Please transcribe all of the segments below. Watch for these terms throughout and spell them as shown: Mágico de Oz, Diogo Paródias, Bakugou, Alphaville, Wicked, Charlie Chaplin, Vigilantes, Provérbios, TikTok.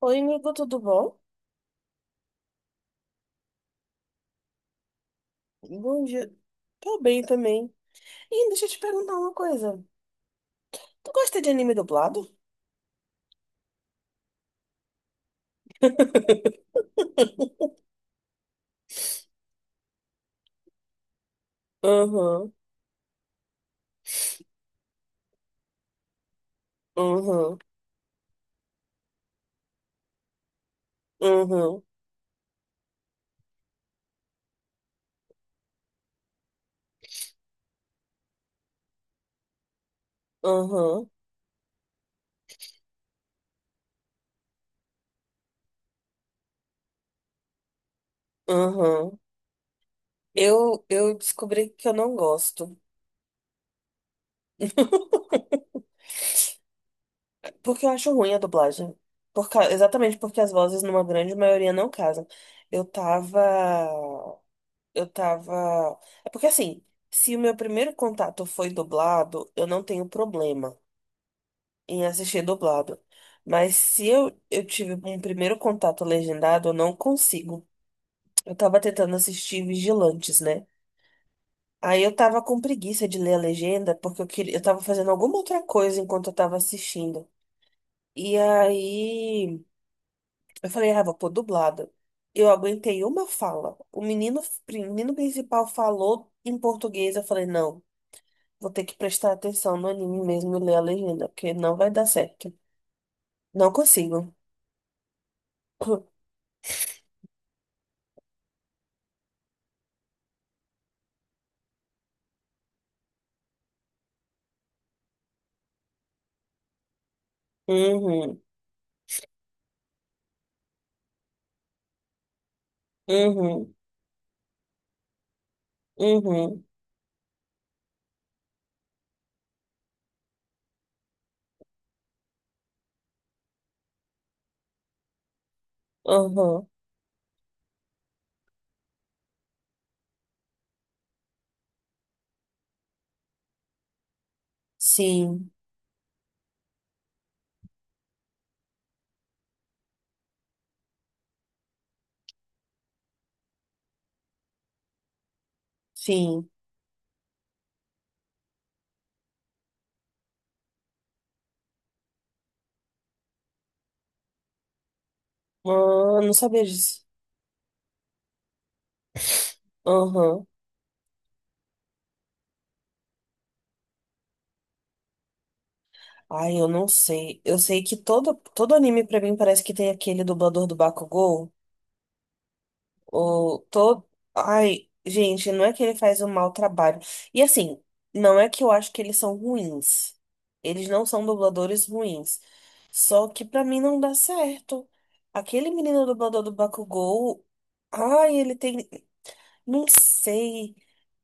Oi, amigo, tudo bom? Bom dia. Tô bem também. Ih, deixa eu te perguntar uma coisa. Tu gosta de anime dublado? Uhum, uhum, uhum, uhum, uhum. Eu descobri que eu não gosto. Porque eu acho ruim a dublagem. Exatamente porque as vozes, numa grande maioria, não casam. Eu tava. Eu tava. É porque assim, se o meu primeiro contato foi dublado, eu não tenho problema em assistir dublado. Mas se eu tive um primeiro contato legendado, eu não consigo. Eu tava tentando assistir Vigilantes, né? Aí eu tava com preguiça de ler a legenda, porque eu queria, eu tava fazendo alguma outra coisa enquanto eu tava assistindo. E aí eu falei, ah, vou pôr dublado. Eu aguentei uma fala. O menino principal falou em português. Eu falei, não, vou ter que prestar atenção no anime mesmo e ler a legenda, porque não vai dar certo. Não consigo. Uhum. Uhum, uhum, uhum. Sim, sim. Ah, não sabia disso. Uhum. Ai, eu não sei. Eu sei que todo anime pra mim parece que tem aquele dublador do Bakugou. Ou todo. Ai, gente, não é que ele faz um mau trabalho. E assim, não é que eu acho que eles são ruins. Eles não são dubladores ruins. Só que pra mim não dá certo. Aquele menino dublador do Bakugou. Ai, ele tem. Não sei.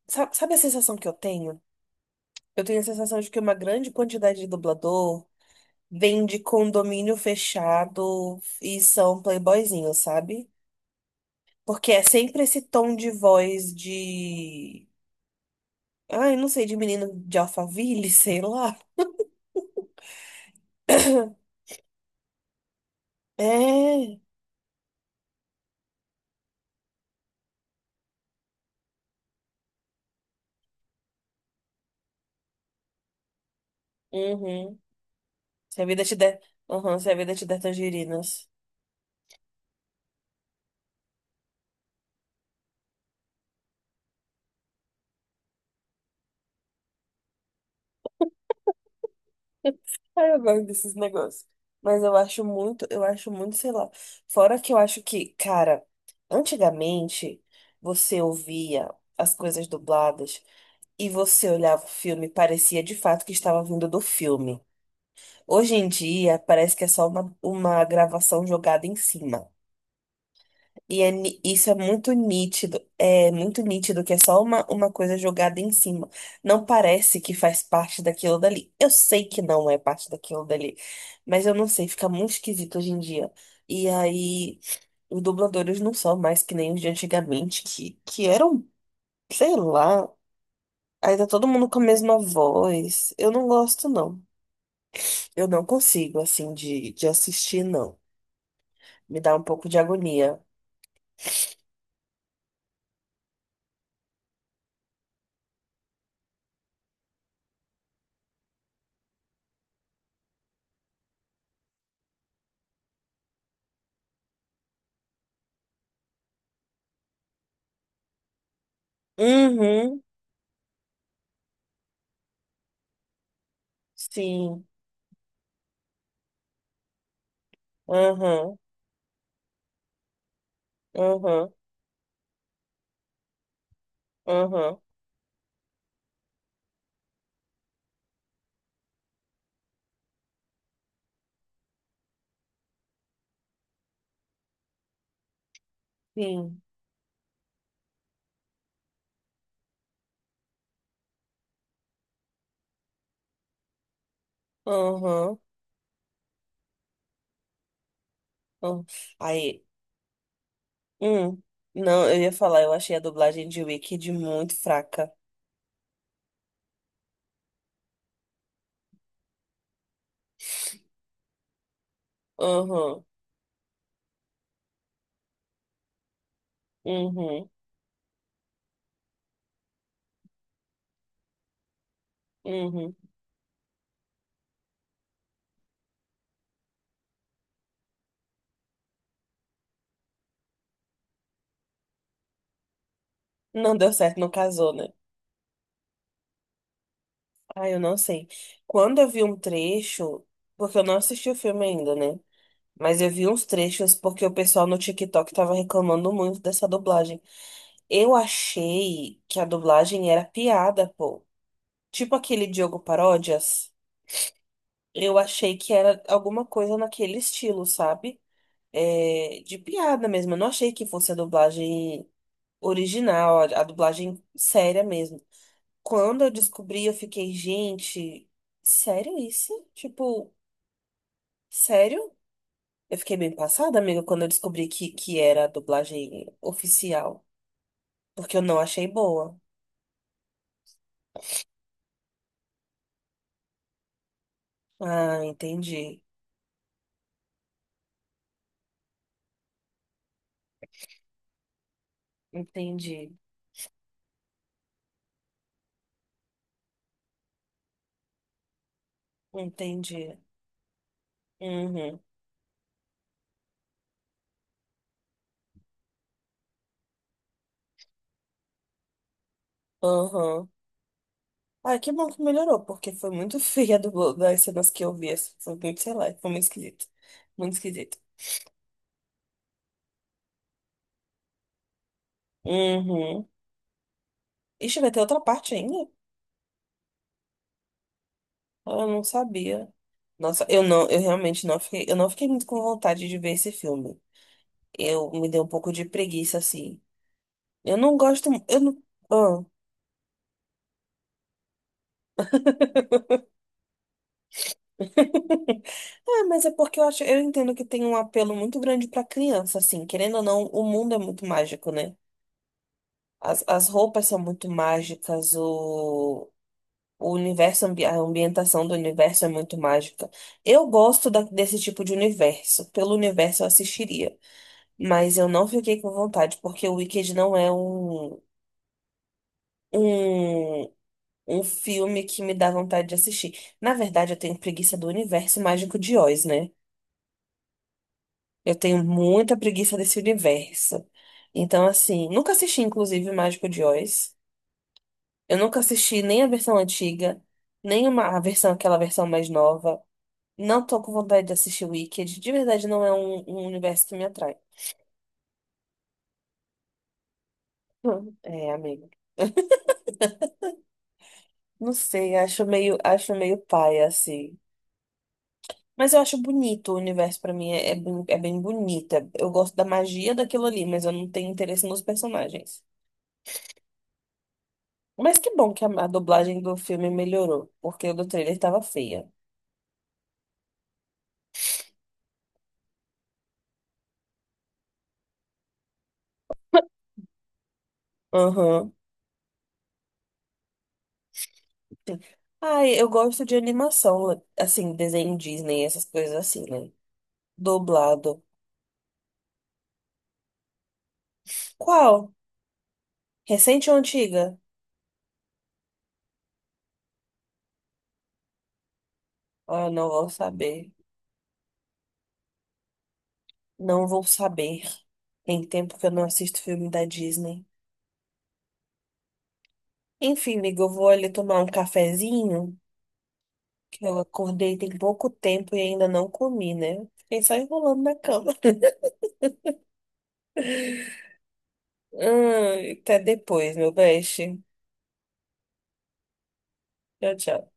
Sabe a sensação que eu tenho? Eu tenho a sensação de que uma grande quantidade de dublador vem de condomínio fechado e são playboyzinhos, sabe? Porque é sempre esse tom de voz de. Ai, não sei, de menino de Alphaville, sei lá. É. Uhum. Se a vida te der. Uhum, se a vida te der tangerinas. Ai, eu gosto desses negócios. Mas eu acho muito, sei lá. Fora que eu acho que, cara, antigamente você ouvia as coisas dubladas e você olhava o filme, e parecia de fato que estava vindo do filme. Hoje em dia, parece que é só uma gravação jogada em cima. E é isso é muito nítido que é só uma coisa jogada em cima. Não parece que faz parte daquilo dali. Eu sei que não é parte daquilo dali, mas eu não sei, fica muito esquisito hoje em dia. E aí, os dubladores não são mais que nem os de antigamente, que eram, sei lá, ainda todo mundo com a mesma voz. Eu não gosto, não. Eu não consigo, assim, de assistir, não. Me dá um pouco de agonia. Uhum, sim. Aham. Aham, aham, Sim. aham. aham. Aí, hum, não, eu ia falar, eu achei a dublagem de Wicked muito fraca. Aham, uhum, uhum. Não deu certo, não casou, né? Ah, eu não sei. Quando eu vi um trecho, porque eu não assisti o filme ainda, né? Mas eu vi uns trechos porque o pessoal no TikTok tava reclamando muito dessa dublagem. Eu achei que a dublagem era piada, pô. Tipo aquele Diogo Paródias. Eu achei que era alguma coisa naquele estilo, sabe? É, de piada mesmo. Eu não achei que fosse a dublagem original, a dublagem séria mesmo. Quando eu descobri, eu fiquei, gente, sério isso? Tipo, sério? Eu fiquei bem passada, amiga, quando eu descobri que era a dublagem oficial. Porque eu não achei boa. Ah, entendi. Entendi. Entendi. Uhum. Aham. Ai, que bom que melhorou, porque foi muito feia do, das cenas que eu vi. Assim, foi muito, sei lá, foi muito esquisito. Muito esquisito. Uhum. Ixi, vai ter outra parte ainda? Ah, eu não sabia. Nossa, eu realmente não fiquei, eu não fiquei muito com vontade de ver esse filme. Eu me dei um pouco de preguiça, assim. Eu não gosto, eu não. Ah. Ah, mas é porque eu acho, eu entendo que tem um apelo muito grande pra criança, assim, querendo ou não, o mundo é muito mágico, né? As roupas são muito mágicas, o universo, a ambientação do universo é muito mágica. Eu gosto desse tipo de universo. Pelo universo eu assistiria. Mas eu não fiquei com vontade, porque o Wicked não é um, um filme que me dá vontade de assistir. Na verdade, eu tenho preguiça do universo mágico de Oz, né? Eu tenho muita preguiça desse universo. Então, assim, nunca assisti, inclusive, o Mágico de Oz. Eu nunca assisti nem a versão antiga, nem uma, a versão, aquela versão mais nova. Não tô com vontade de assistir Wicked. De verdade, não é um universo que me atrai. Hum. É, amigo. Não sei, acho meio paia, assim. Mas eu acho bonito o universo pra mim, é bem bonito. Eu gosto da magia daquilo ali, mas eu não tenho interesse nos personagens. Mas que bom que a dublagem do filme melhorou, porque o do trailer tava feia. Aham. Ai, eu gosto de animação, assim, desenho Disney, essas coisas assim, né? Dublado. Qual? Recente ou antiga? Ah, não vou saber. Não vou saber. Tem tempo que eu não assisto filme da Disney. Enfim, amiga, eu vou ali tomar um cafezinho, que eu acordei tem pouco tempo e ainda não comi, né? Fiquei só enrolando na cama. Até depois, meu beijo. Tchau, tchau.